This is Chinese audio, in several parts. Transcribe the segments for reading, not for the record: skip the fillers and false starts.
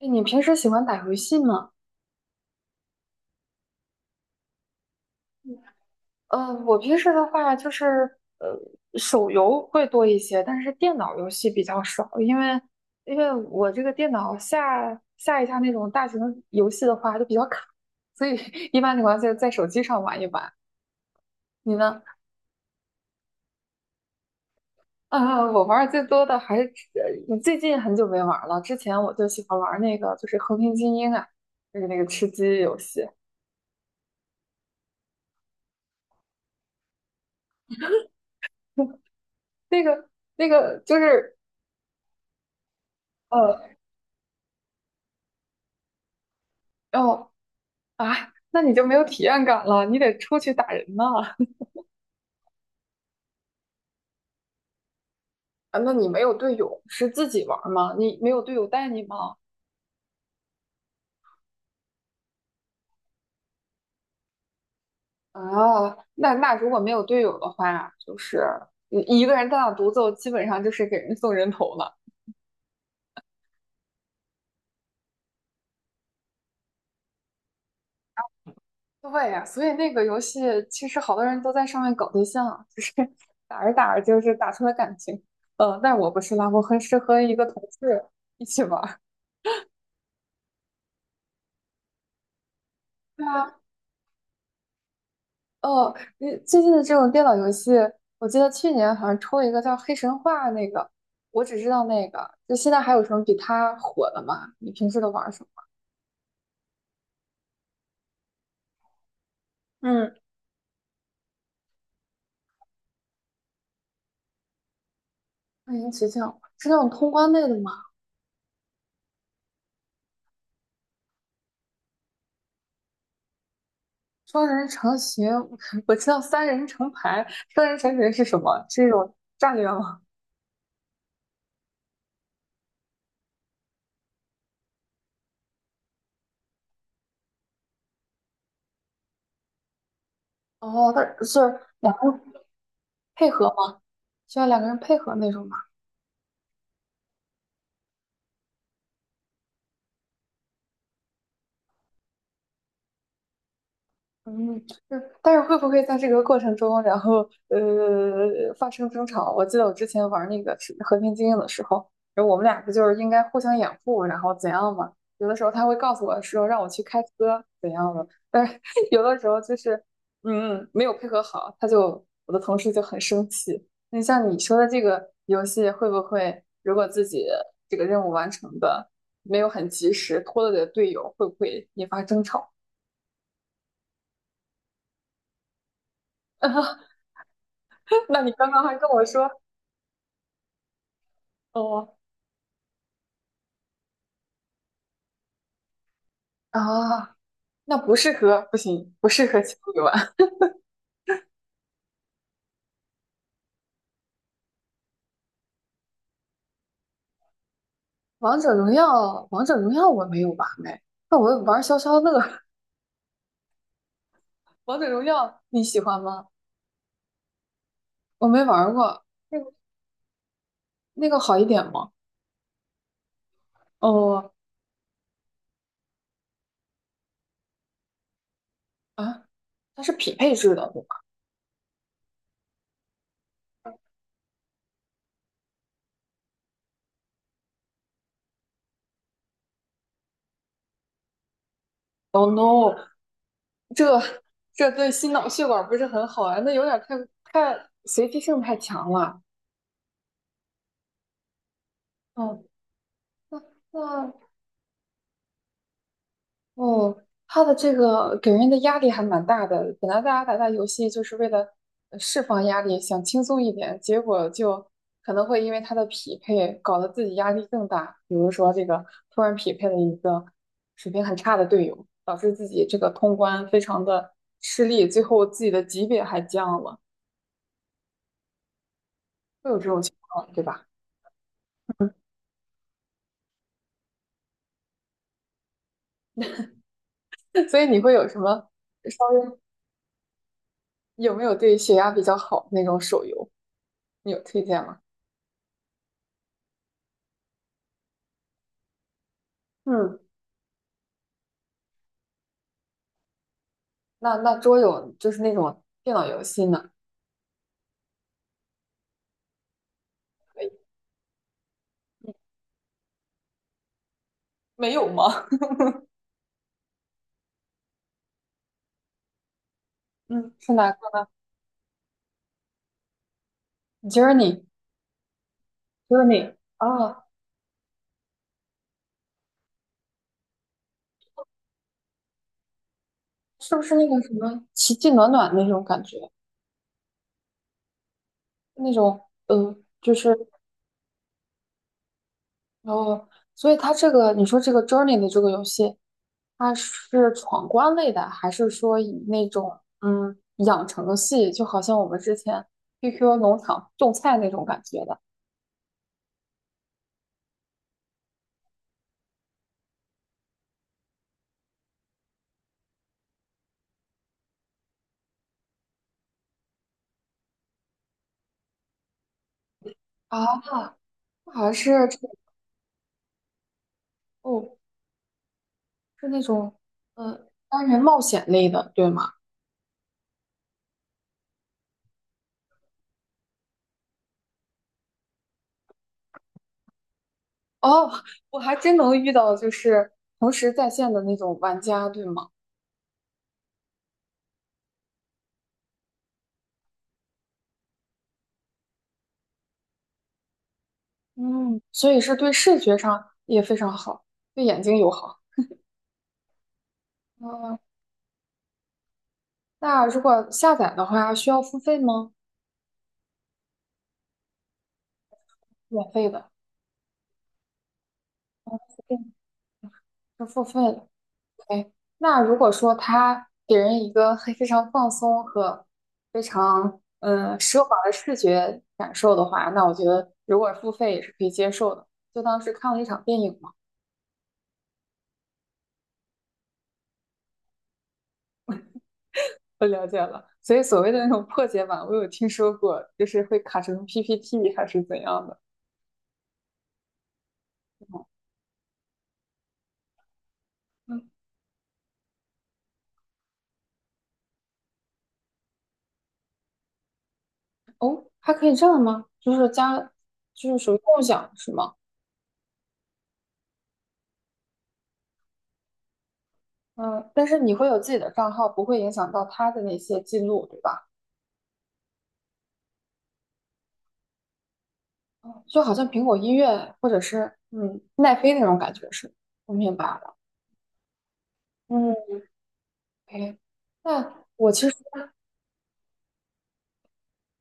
哎，你平时喜欢打游戏吗？我平时的话就是呃，手游会多一些，但是电脑游戏比较少，因为我这个电脑下一下那种大型游戏的话就比较卡，所以 一般情况下在手机上玩一玩。你呢？呃，我玩的最多的还是最近很久没玩了，之前我就喜欢玩那个就是《和平精英》啊，就是那个吃鸡游戏，那个那个就是呃。啊，那你就没有体验感了，你得出去打人呐。啊，那你没有队友，是自己玩儿吗？你没有队友带你吗？啊，那如果没有队友的话，就是你一个人单打独斗，基本上就是给人送人头了。对呀，所以那个游戏其实好多人都在上面搞对象啊，就是 打着打着就是打出了感情。嗯，但我不是啦，我很适合一个同事一起玩儿。对啊。哦，你最近的这种电脑游戏，我记得去年好像出了一个叫《黑神话》那个，我只知道那个。就现在还有什么比它火的吗？你平时都玩什么？嗯，欢迎琪琪，是那种通关类的吗？双人成行，我知道三人成排，双人成行是什么？是一种战略吗？哦，它是两个人配合吗？需要两个人配合那种吗？嗯，嗯但是会不会在这个过程中，然后发生争吵？我记得我之前玩那个是和平精英》的时候，然后我们俩不就是应该互相掩护，然后怎样嘛？有的时候他会告诉我说让我去开车怎样的，但是 有的时候就是没有配合好，他就我的同事就很生气。那像你说的这个游戏，会不会如果自己这个任务完成的没有很及时，拖累了队友，会不会引发争吵？那你刚刚还跟我说，哦。啊，那不适合，不行，不适合情侣玩。王者荣耀，王者荣耀我没有玩哎，那我玩消消乐。王者荣耀你喜欢吗？我没玩过，那个那个好一点吗？哦。啊，它是匹配制的，对吧？Oh no，这这对心脑血管不是很好啊，那有点太随机性太强了。哦，那哦，他的这个给人的压力还蛮大的。本来大家打打游戏就是为了释放压力，想轻松一点，结果就可能会因为他的匹配搞得自己压力更大。比如说这个突然匹配了一个水平很差的队友，导致自己这个通关非常的吃力，最后自己的级别还降了，会有这种情况，对吧？所以你会有什么稍微有没有对血压比较好那种手游，你有推荐吗？嗯。那那桌游就是那种电脑游戏呢？没有吗？嗯，是哪个？Journey。 Journey 啊，是不是那个什么奇迹暖暖那种感觉？那种就是哦，所以它这个你说这个 Journey 的这个游戏，它是闯关类的，还是说以那种养成系，就好像我们之前 QQ 农场种菜那种感觉的啊？那还是这哦，是那种单人冒险类的，对吗？哦，我还真能遇到就是同时在线的那种玩家，对吗？嗯，所以是对视觉上也非常好，对眼睛友好。嗯，那如果下载的话，需要付费吗？免费的，对是付费的。哎，那如果说他给人一个很非常放松和非常奢华的视觉感受的话，那我觉得如果付费也是可以接受的，就当是看了一场电影嘛。我了解了，所以所谓的那种破解版，我有听说过，就是会卡成 PPT 还是怎样的。哦。嗯，哦，还可以这样吗？就是加，就是属于共享是吗？嗯，但是你会有自己的账号，不会影响到他的那些记录，对吧？就好像苹果音乐或者是奈飞那种感觉是，我明白了。嗯，OK，那我其实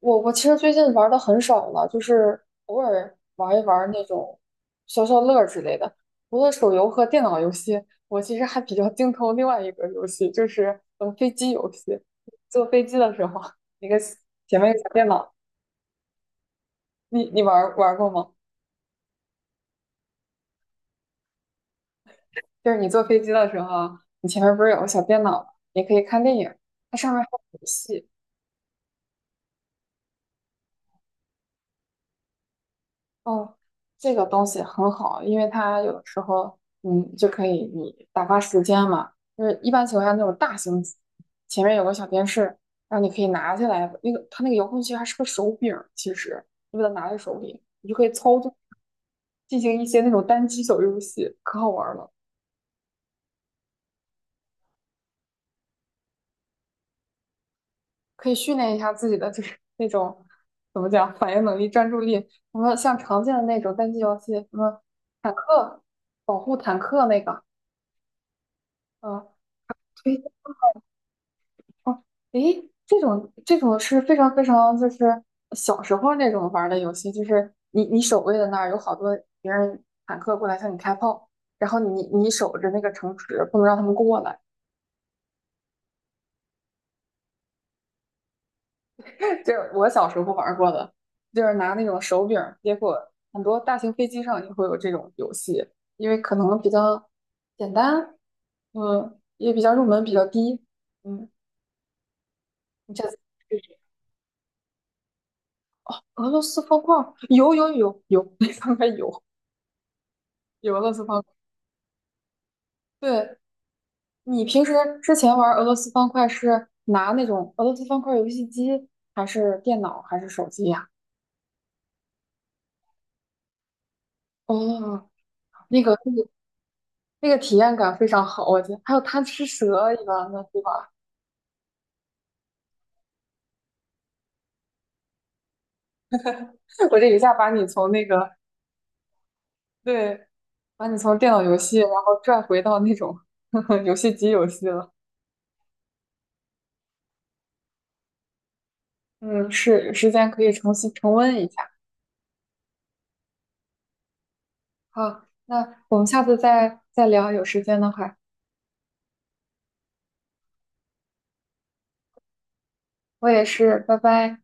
我其实最近玩的很少了，就是偶尔玩一玩那种消消乐之类的。除了手游和电脑游戏，我其实还比较精通另外一个游戏，就是飞机游戏。坐飞机的时候，那个前面有个小电脑，你玩过吗？就是你坐飞机的时候，你前面不是有个小电脑吗，也可以看电影，它上面还有游戏。哦，这个东西很好，因为它有的时候，嗯，就可以你打发时间嘛。就是一般情况下那种大型，前面有个小电视，然后你可以拿下来，那个它那个遥控器还是个手柄儿其实你把它拿在手里，你就可以操作，进行一些那种单机小游戏，可好玩儿了。可以训练一下自己的就是 那种怎么讲反应能力、专注力。什么像常见的那种单机游戏，什么坦克保护坦克那个，呃，推哦，诶，这种是非常非常就是小时候那种玩儿的游戏，就是你守卫的那儿有好多别人坦克过来向你开炮，然后你守着那个城池，不能让他们过来。就是我小时候玩过的，就是拿那种手柄结果很多大型飞机上也会有这种游戏，因为可能比较简单，嗯，也比较入门比较低，嗯，你这次试试俄罗斯方块儿有，那方块有有俄罗斯方块，对，你平时之前玩俄罗斯方块是拿那种俄罗斯方块游戏机，还是电脑，还是手机呀？哦，那个那个那个体验感非常好，我觉得还有贪吃蛇一般的，对吧？我这一下把你从那个，对，把你从电脑游戏，然后拽回到那种 游戏机游戏了。嗯，是，有时间可以重新重温一下。好，那我们下次再再聊，有时间的话，我也是，拜拜。